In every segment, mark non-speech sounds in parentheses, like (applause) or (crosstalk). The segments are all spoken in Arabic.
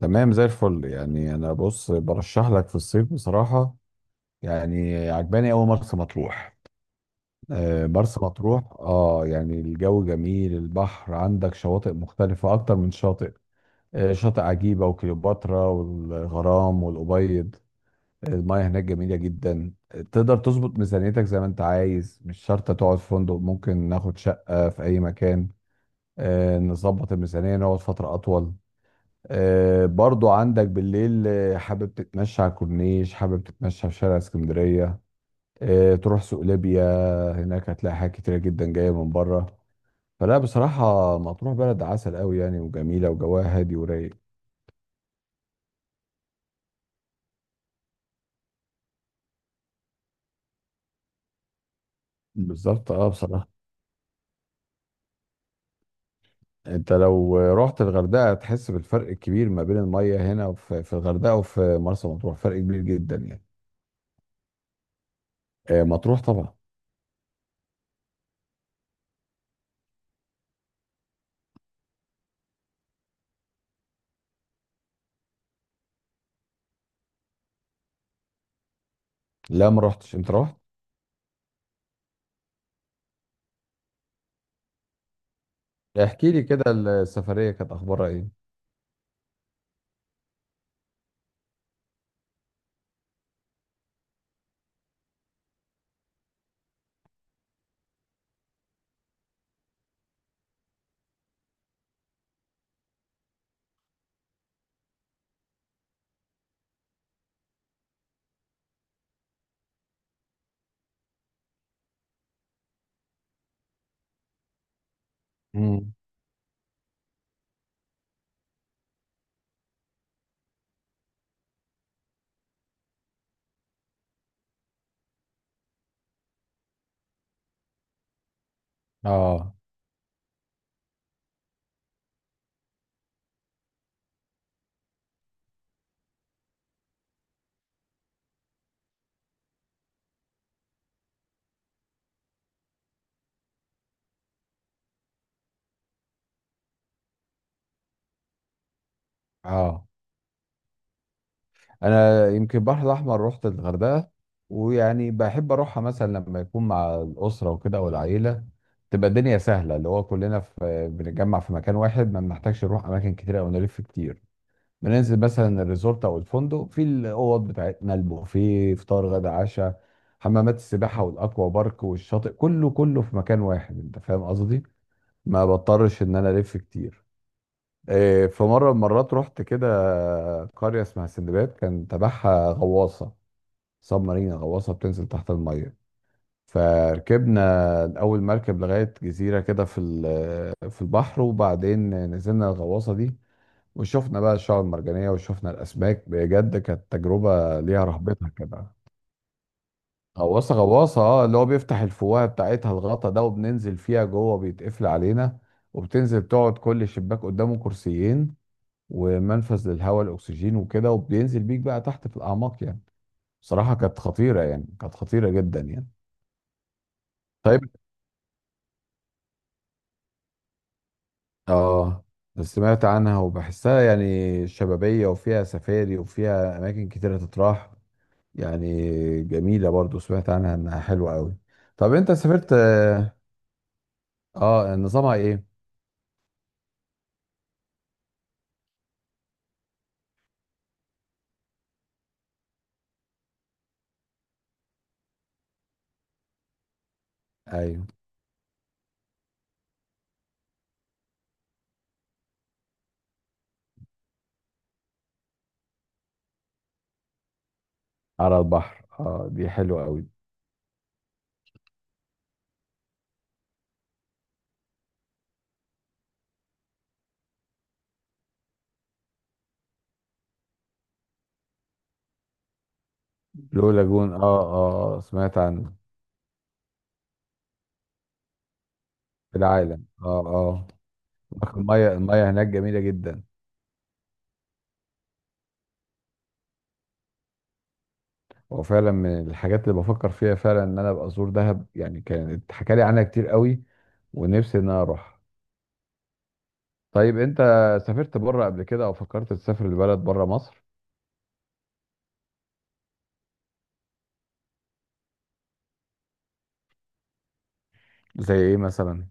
تمام، زي الفل. يعني انا بص برشح لك في الصيف بصراحه. يعني عجباني قوي مرسى مطروح. مرسى مطروح اه يعني الجو جميل، البحر عندك شواطئ مختلفه اكتر من شاطئ. شاطئ عجيبه وكليوباترا والغرام والابيض. المياه هناك جميله جدا. تقدر تظبط ميزانيتك زي ما انت عايز، مش شرط تقعد في فندق، ممكن ناخد شقه في اي مكان. نظبط الميزانيه نقعد فتره اطول. برضو عندك بالليل، حابب تتمشى على الكورنيش، حابب تتمشى في شارع اسكندرية. تروح سوق ليبيا. هناك هتلاقي حاجات كتيرة جدا جاية من بره. فلا بصراحة مطروح بلد عسل قوي يعني، وجميلة وجواها هادي ورايق. بالظبط اه بصراحة. انت لو رحت الغردقة هتحس بالفرق الكبير ما بين المية هنا في الغردقة وفي مرسى مطروح، فرق كبير جدا يعني. مطروح طبعا. لا ما رحتش، انت رحت. احكي لي كده السفرية كانت اخبارها ايه؟ مم. اه اه. انا يمكن البحر الاحمر رحت الغردقه، ويعني بحب اروحها مثلا لما يكون مع الاسره وكده والعيله. تبقى الدنيا سهله، اللي هو كلنا في بنتجمع في مكان واحد، ما بنحتاجش نروح اماكن كتير او نلف كتير. بننزل مثلا الريزورت او الفندق، في الاوض بتاعتنا البوفيه، فطار غدا عشاء. حمامات السباحه والاكوا بارك والشاطئ، كله كله في مكان واحد، انت فاهم قصدي. ما بضطرش ان انا الف كتير. إيه، في مرة من المرات رحت كده، قرية اسمها سندباد كان تبعها غواصة. سب مارينا، غواصة بتنزل تحت المية. فركبنا أول مركب لغاية جزيرة كده في البحر، وبعدين نزلنا الغواصة دي، وشفنا بقى الشعاب المرجانية وشفنا الأسماك. بجد كانت تجربة ليها رهبتها كده. غواصة غواصة، اه اللي هو بيفتح الفوهة بتاعتها الغطا ده وبننزل فيها جوه، بيتقفل علينا. وبتنزل تقعد، كل شباك قدامه كرسيين، ومنفذ للهواء الاكسجين وكده، وبينزل بيك بقى تحت في الاعماق يعني. بصراحه كانت خطيره يعني، كانت خطيره جدا يعني. طيب. اه سمعت عنها وبحسها يعني شبابيه، وفيها سفاري، وفيها اماكن كتيره تتراح. يعني، جميله برضو، سمعت عنها انها حلوه قوي. طب انت سافرت؟ اه. نظامها ايه؟ ايوه. على البحر، اه، دي حلوه قوي. بلو لاجون، اه. اه، سمعت عنه. في العالم، اه اه. الميه هناك جميله جدا. هو فعلا من الحاجات اللي بفكر فيها فعلا ان انا ابقى ازور دهب، يعني كانت حكالي عنها كتير قوي، ونفسي ان انا اروح. طيب انت، سافرت بره قبل كده او فكرت تسافر لبلد بره مصر؟ زي ايه مثلا؟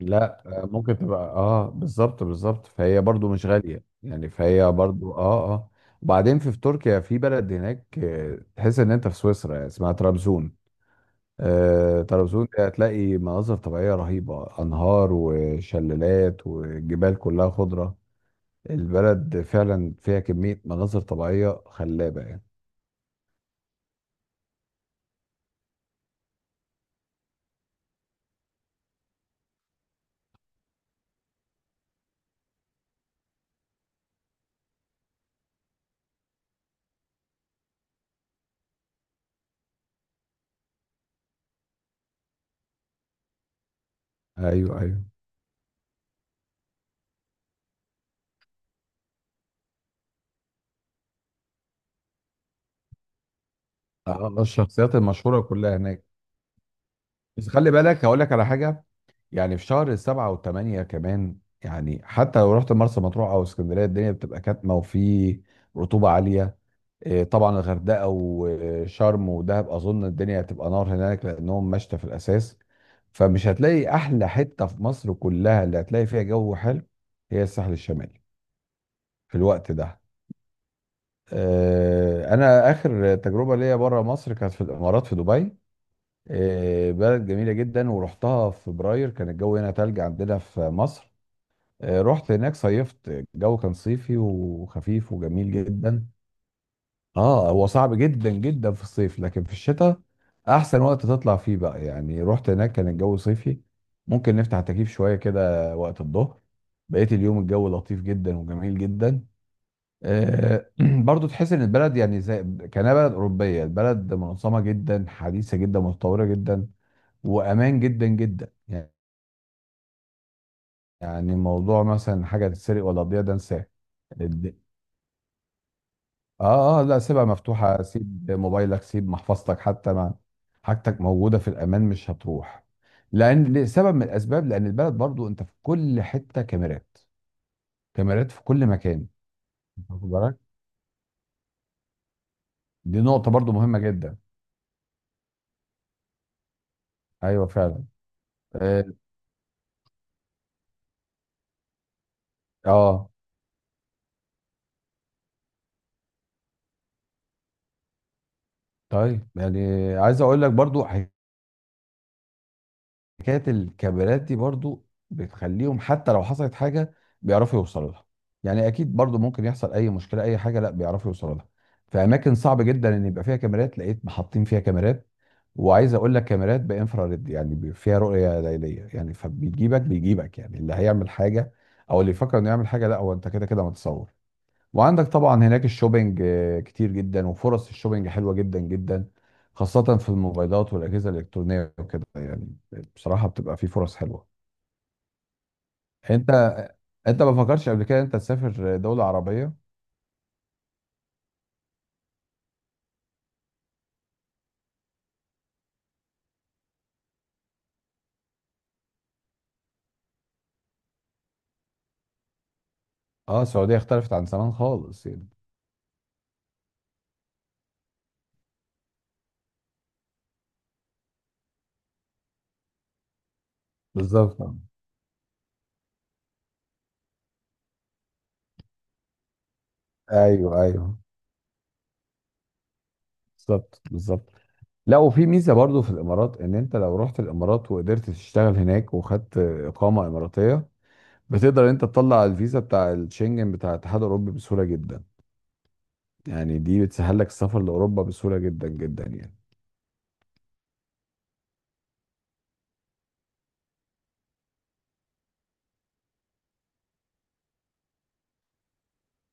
لا ممكن تبقى، اه، بالظبط بالظبط، فهي برضو مش غالية يعني، فهي برضو اه اه. وبعدين في تركيا، في بلد هناك، تحس ان انت في سويسرا، اسمها طرابزون. آه، طرابزون دي هتلاقي مناظر طبيعية رهيبة، انهار وشلالات وجبال كلها خضرة. البلد فعلا فيها كمية مناظر طبيعية خلابة يعني. ايوه ايوه. الشخصيات المشهورة كلها هناك. بس خلي بالك هقول لك على حاجة. يعني في شهر السبعة والثمانية كمان، يعني حتى لو رحت مرسى مطروح أو اسكندرية، الدنيا بتبقى كاتمة، وفي رطوبة عالية. طبعا الغردقة وشرم ودهب أظن الدنيا هتبقى نار هناك، لأنهم مشتى في الأساس. فمش هتلاقي أحلى حتة في مصر كلها اللي هتلاقي فيها جو حلو، هي الساحل الشمالي في الوقت ده. انا اخر تجربه ليا بره مصر كانت في الامارات، في دبي. بلد جميله جدا، ورحتها في فبراير، كان الجو هنا تلج عندنا في مصر. رحت هناك صيفت. الجو كان صيفي وخفيف وجميل جدا. اه، هو صعب جدا جدا في الصيف، لكن في الشتاء احسن وقت تطلع فيه بقى. يعني رحت هناك كان الجو صيفي، ممكن نفتح التكييف شويه كده وقت الظهر، بقيت اليوم الجو لطيف جدا وجميل جدا. آه، (clears throat) برضو تحس ان البلد يعني زي كانها بلد اوروبيه، البلد منظمه جدا، حديثه جدا، متطوره جدا، وامان جدا جدا. يعني موضوع مثلا حاجه تتسرق ولا تضيع ده انساه. الد- اه اه، لا، سيبها مفتوحه، سيب موبايلك، سيب محفظتك، حتى ما، حاجتك موجوده في الامان مش هتروح. لان لسبب من الاسباب، لان البلد برضو انت في كل حته كاميرات، كاميرات في كل مكان. واخد بالك؟ دي نقطه برضو مهمه جدا. ايوه فعلا. اه آه. طيب، يعني عايز اقول لك برضو حكايه. الكاميرات دي برضو بتخليهم حتى لو حصلت حاجه بيعرفوا يوصلوا لها. يعني اكيد برضو ممكن يحصل اي مشكله اي حاجه، لا بيعرفوا يوصلوا لها. في اماكن صعب جدا ان يبقى فيها كاميرات لقيت محطين فيها كاميرات، وعايز اقول لك كاميرات بانفراريد يعني فيها رؤيه ليليه يعني، فبيجيبك بيجيبك يعني اللي هيعمل حاجه او اللي يفكر انه يعمل حاجه، لا هو انت كده كده متصور. وعندك طبعا هناك الشوبينج كتير جدا، وفرص الشوبينج حلوة جدا جدا، خاصة في الموبايلات والأجهزة الإلكترونية وكده يعني. بصراحة بتبقى في فرص حلوة. انت انت ما فكرتش قبل كده انت تسافر دولة عربية؟ اه، السعودية اختلفت عن زمان خالص يعني. بالظبط. ايوه ايوه. بالظبط بالظبط. لا، وفي ميزة برضو في الإمارات، ان انت لو رحت الإمارات وقدرت تشتغل هناك وخدت إقامة إماراتية، بتقدر انت تطلع الفيزا بتاع الشنجن بتاع الاتحاد الأوروبي بسهولة جدا. يعني دي بتسهل لك السفر لاوروبا بسهوله جدا جدا يعني.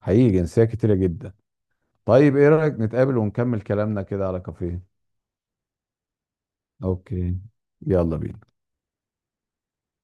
حقيقي جنسيه كتيره جدا. طيب، ايه رايك نتقابل ونكمل كلامنا كده على كافيه؟ اوكي. يلا بينا.